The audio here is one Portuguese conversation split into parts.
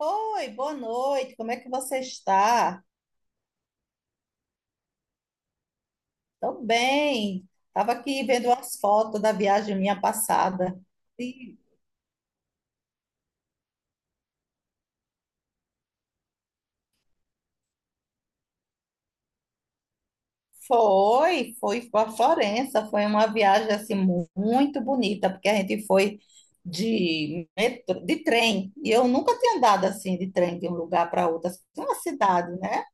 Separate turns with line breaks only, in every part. Oi, boa noite. Como é que você está? Tô bem. Tava aqui vendo umas fotos da viagem minha passada. E foi para Florença. Foi uma viagem assim muito bonita, porque a gente foi de metrô, de trem. E eu nunca tinha andado assim de trem de um lugar para outro, assim, de uma cidade, né?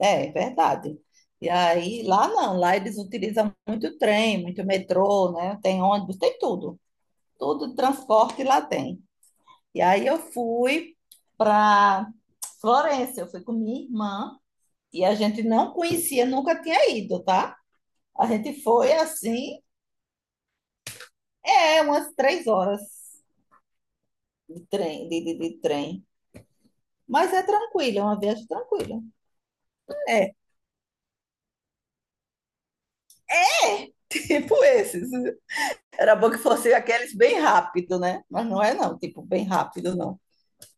É, é verdade. E aí lá não, lá eles utilizam muito trem, muito metrô, né? Tem ônibus, tem tudo. Tudo de transporte lá tem. E aí eu fui para Florença, eu fui com minha irmã e a gente não conhecia, nunca tinha ido, tá? A gente foi assim, é umas 3 horas de trem, de trem. Mas é tranquilo, é uma viagem tranquila. É, tipo esses. Era bom que fosse aqueles bem rápido, né? Mas não é não, tipo, bem rápido não.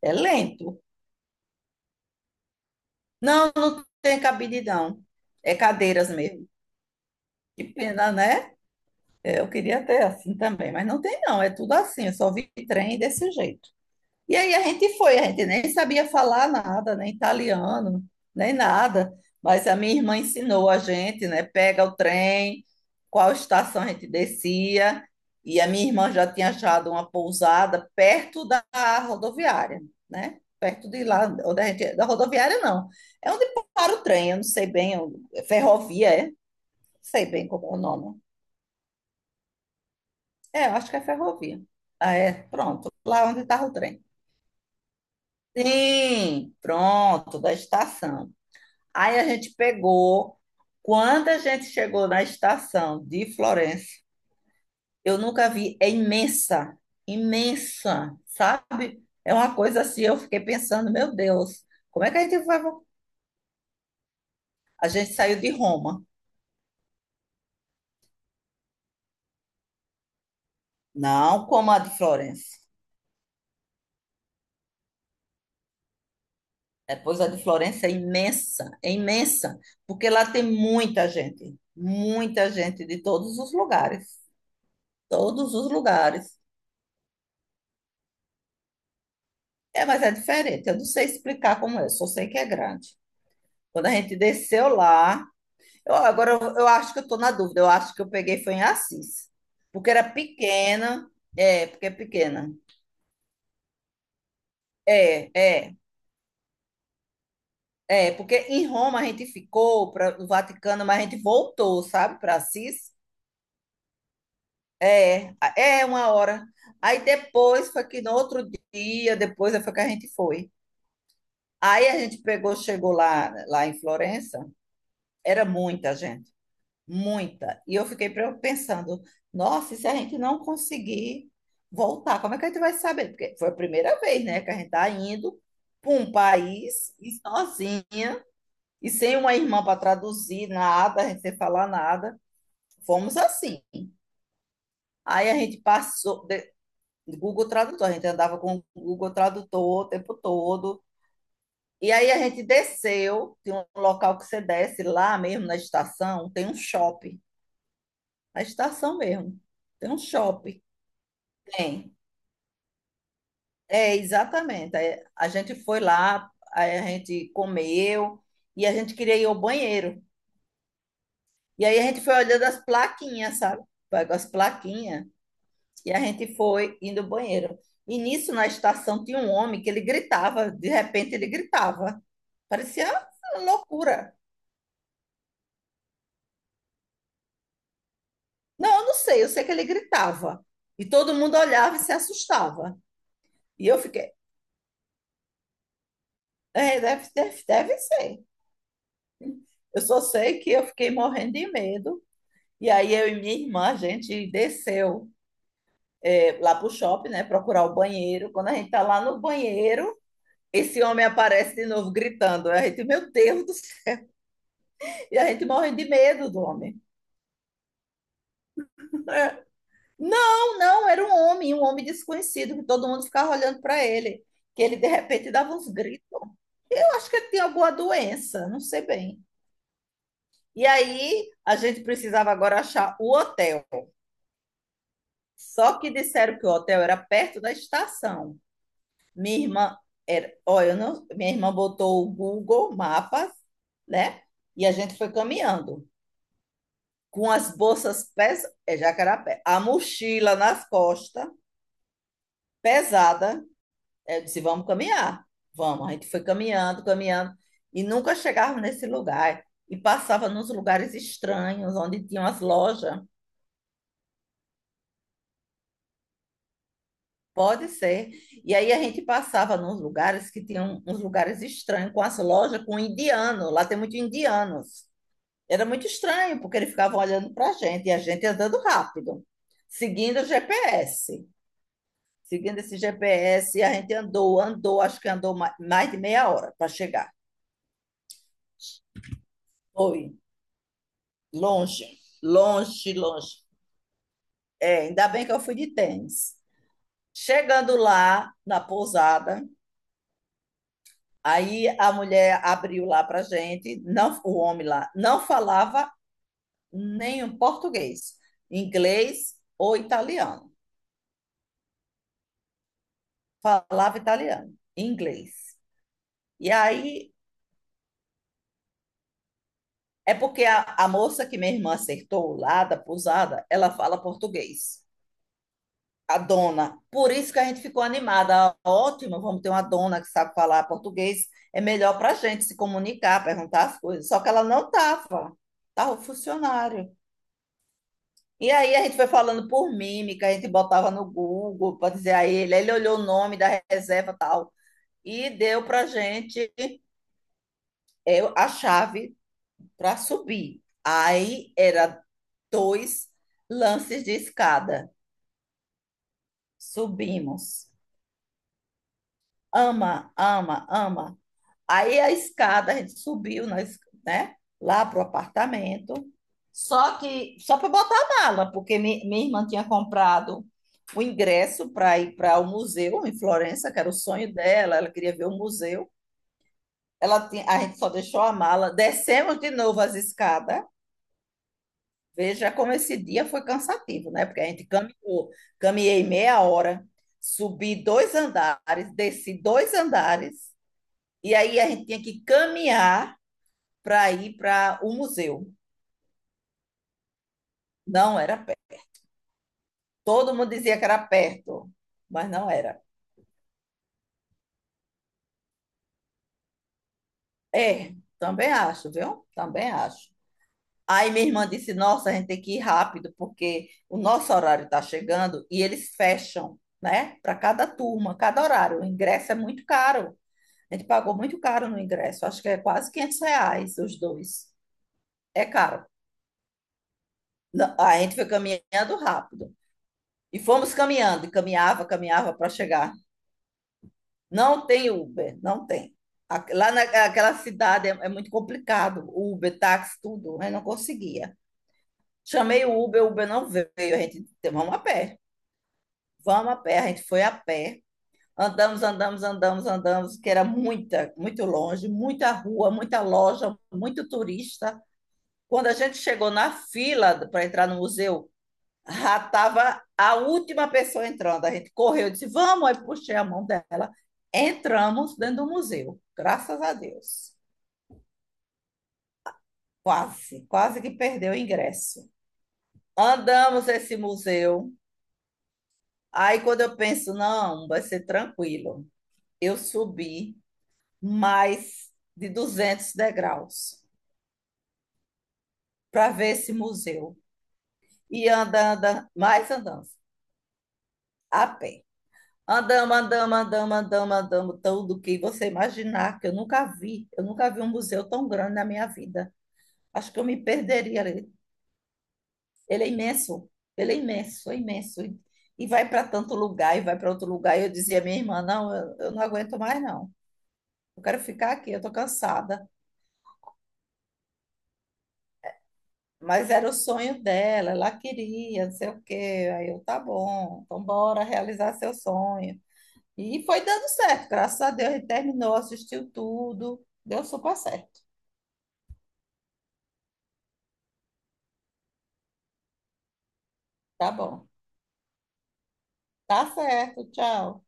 É lento. Não, não tem cabine não. É cadeiras mesmo. Que pena, né? É, eu queria ter assim também, mas não tem não, é tudo assim, eu só vi trem desse jeito. E aí a gente foi, a gente nem sabia falar nada, nem italiano, nem nada, mas a minha irmã ensinou a gente, né? Pega o trem, qual estação a gente descia, e a minha irmã já tinha achado uma pousada perto da rodoviária, né? Perto de lá, onde a gente, é, da rodoviária não, é onde para o trem, eu não sei bem, é ferrovia, é? Não sei bem como é o nome. É, eu acho que é ferrovia. Ah, é, pronto, lá é onde estava o trem. Sim, pronto, da estação. Aí a gente pegou. Quando a gente chegou na estação de Florença, eu nunca vi, é imensa, imensa, sabe? É uma coisa assim, eu fiquei pensando, meu Deus, como é que a gente vai? A gente saiu de Roma, não como a de Florença. Depois a de Florença é imensa, porque lá tem muita gente de todos os lugares, todos os lugares. É, mas é diferente, eu não sei explicar como é, só sei que é grande. Quando a gente desceu lá, agora eu acho que eu estou na dúvida, eu acho que eu peguei foi em Assis, porque era pequena, é, porque é pequena. É, é, é, porque em Roma a gente ficou para o Vaticano, mas a gente voltou, sabe, para Assis. É é 1 hora. Aí depois foi que no outro dia, depois é, foi que a gente foi. Aí a gente pegou, chegou lá em Florença, era muita gente, muita. E eu fiquei pensando, nossa, e se a gente não conseguir voltar, como é que a gente vai saber? Porque foi a primeira vez, né, que a gente tá indo para um país e sozinha e sem uma irmã para traduzir nada, a gente sem falar nada. Fomos assim. Aí a gente passou, Google Tradutor, a gente andava com o Google Tradutor o tempo todo. E aí a gente desceu, tem um local que você desce lá mesmo na estação, tem um shopping, na estação mesmo, tem um shopping. Tem. É, exatamente. Aí a gente foi lá, aí a gente comeu e a gente queria ir ao banheiro. E aí a gente foi olhando as plaquinhas, sabe? Pegou as plaquinhas e a gente foi indo ao banheiro. E nisso, na estação, tinha um homem que ele gritava, de repente ele gritava. Parecia loucura. Não, eu não sei, eu sei que ele gritava. E todo mundo olhava e se assustava. E eu fiquei, é, deve ser. Eu só sei que eu fiquei morrendo de medo. E aí eu e minha irmã, a gente desceu é, lá pro shopping, né, procurar o banheiro. Quando a gente tá lá no banheiro, esse homem aparece de novo gritando. A gente, meu Deus do céu, e a gente morrendo de medo do homem. Não, não, era um homem desconhecido, que todo mundo ficava olhando para ele, que ele de repente dava uns gritos. Eu acho que ele tinha alguma doença, não sei bem. E aí a gente precisava agora achar o hotel. Só que disseram que o hotel era perto da estação. Minha irmã era, olha, eu não, minha irmã botou o Google Mapas, né? E a gente foi caminhando com as bolsas pesadas, é Jacarapé, a mochila nas costas, pesada. É, eu disse, vamos caminhar. Vamos. A gente foi caminhando, caminhando, e nunca chegava nesse lugar. E passava nos lugares estranhos, onde tinham as lojas. Pode ser. E aí a gente passava nos lugares que tinham uns lugares estranhos, com as lojas, com indiano. Lá tem muito indianos. Era muito estranho, porque eles ficavam olhando para a gente, e a gente andando rápido, seguindo o GPS. Seguindo esse GPS, a gente andou, andou, acho que andou mais de meia hora para chegar. Foi. Longe, longe, longe. É, ainda bem que eu fui de tênis. Chegando lá na pousada, aí a mulher abriu lá para gente, não, o homem lá não falava nenhum português, inglês ou italiano. Falava italiano, inglês. E aí é porque a moça que minha irmã acertou lá da pousada, ela fala português. A dona. Por isso que a gente ficou animada. Ah, ótimo, vamos ter uma dona que sabe falar português. É melhor para a gente se comunicar, perguntar as coisas. Só que ela não estava. Estava o funcionário. E aí a gente foi falando por mímica, a gente botava no Google para dizer a ele. Ele olhou o nome da reserva e tal. E deu para a gente é, a chave para subir. Aí era dois lances de escada. Subimos ama, ama, ama. Aí a escada, a gente subiu, nós, né, lá pro apartamento. Só que, só para botar a mala, porque minha irmã tinha comprado o ingresso para ir para o museu em Florença, que era o sonho dela, ela queria ver o museu. Ela tinha, a gente só deixou a mala, descemos de novo as escadas. Veja como esse dia foi cansativo, né? Porque a gente caminhou, caminhei meia hora, subi dois andares, desci dois andares, e aí a gente tinha que caminhar para ir para o museu. Não era perto. Todo mundo dizia que era perto, mas não era. É, também acho, viu? Também acho. Aí minha irmã disse: Nossa, a gente tem que ir rápido, porque o nosso horário está chegando e eles fecham, né? Para cada turma, cada horário. O ingresso é muito caro. A gente pagou muito caro no ingresso, acho que é quase R$ 500 os dois. É caro. A gente foi caminhando rápido. E fomos caminhando, e caminhava, caminhava para chegar. Não tem Uber, não tem. Lá naquela cidade é, muito complicado, Uber, táxi, tudo, eu não conseguia. Chamei o Uber não veio, a gente, vamos a pé, vamos a pé, a gente foi a pé, andamos, andamos, andamos, andamos, que era muita, muito longe, muita rua, muita loja, muito turista. Quando a gente chegou na fila para entrar no museu, já estava a última pessoa entrando. A gente correu, disse, vamos, aí puxei a mão dela. Entramos dentro do museu, graças a Deus. Quase, quase que perdeu o ingresso. Andamos esse museu. Aí quando eu penso, não, vai ser tranquilo. Eu subi mais de 200 degraus para ver esse museu. E anda, anda, mais andando, a pé. Andamos, andamos, andamos, andamos, andamos, tudo que você imaginar, que eu nunca vi. Eu nunca vi um museu tão grande na minha vida. Acho que eu me perderia ali. Ele é imenso, ele é imenso, é imenso. E vai para tanto lugar, e vai para outro lugar. E eu dizia, à minha irmã, não, eu não aguento mais, não. Eu quero ficar aqui, eu estou cansada. Mas era o sonho dela, ela queria, não sei o quê. Aí eu, tá bom, então bora realizar seu sonho. E foi dando certo, graças a Deus, ele terminou, assistiu tudo, deu super certo. Tá bom. Tá certo. Tchau.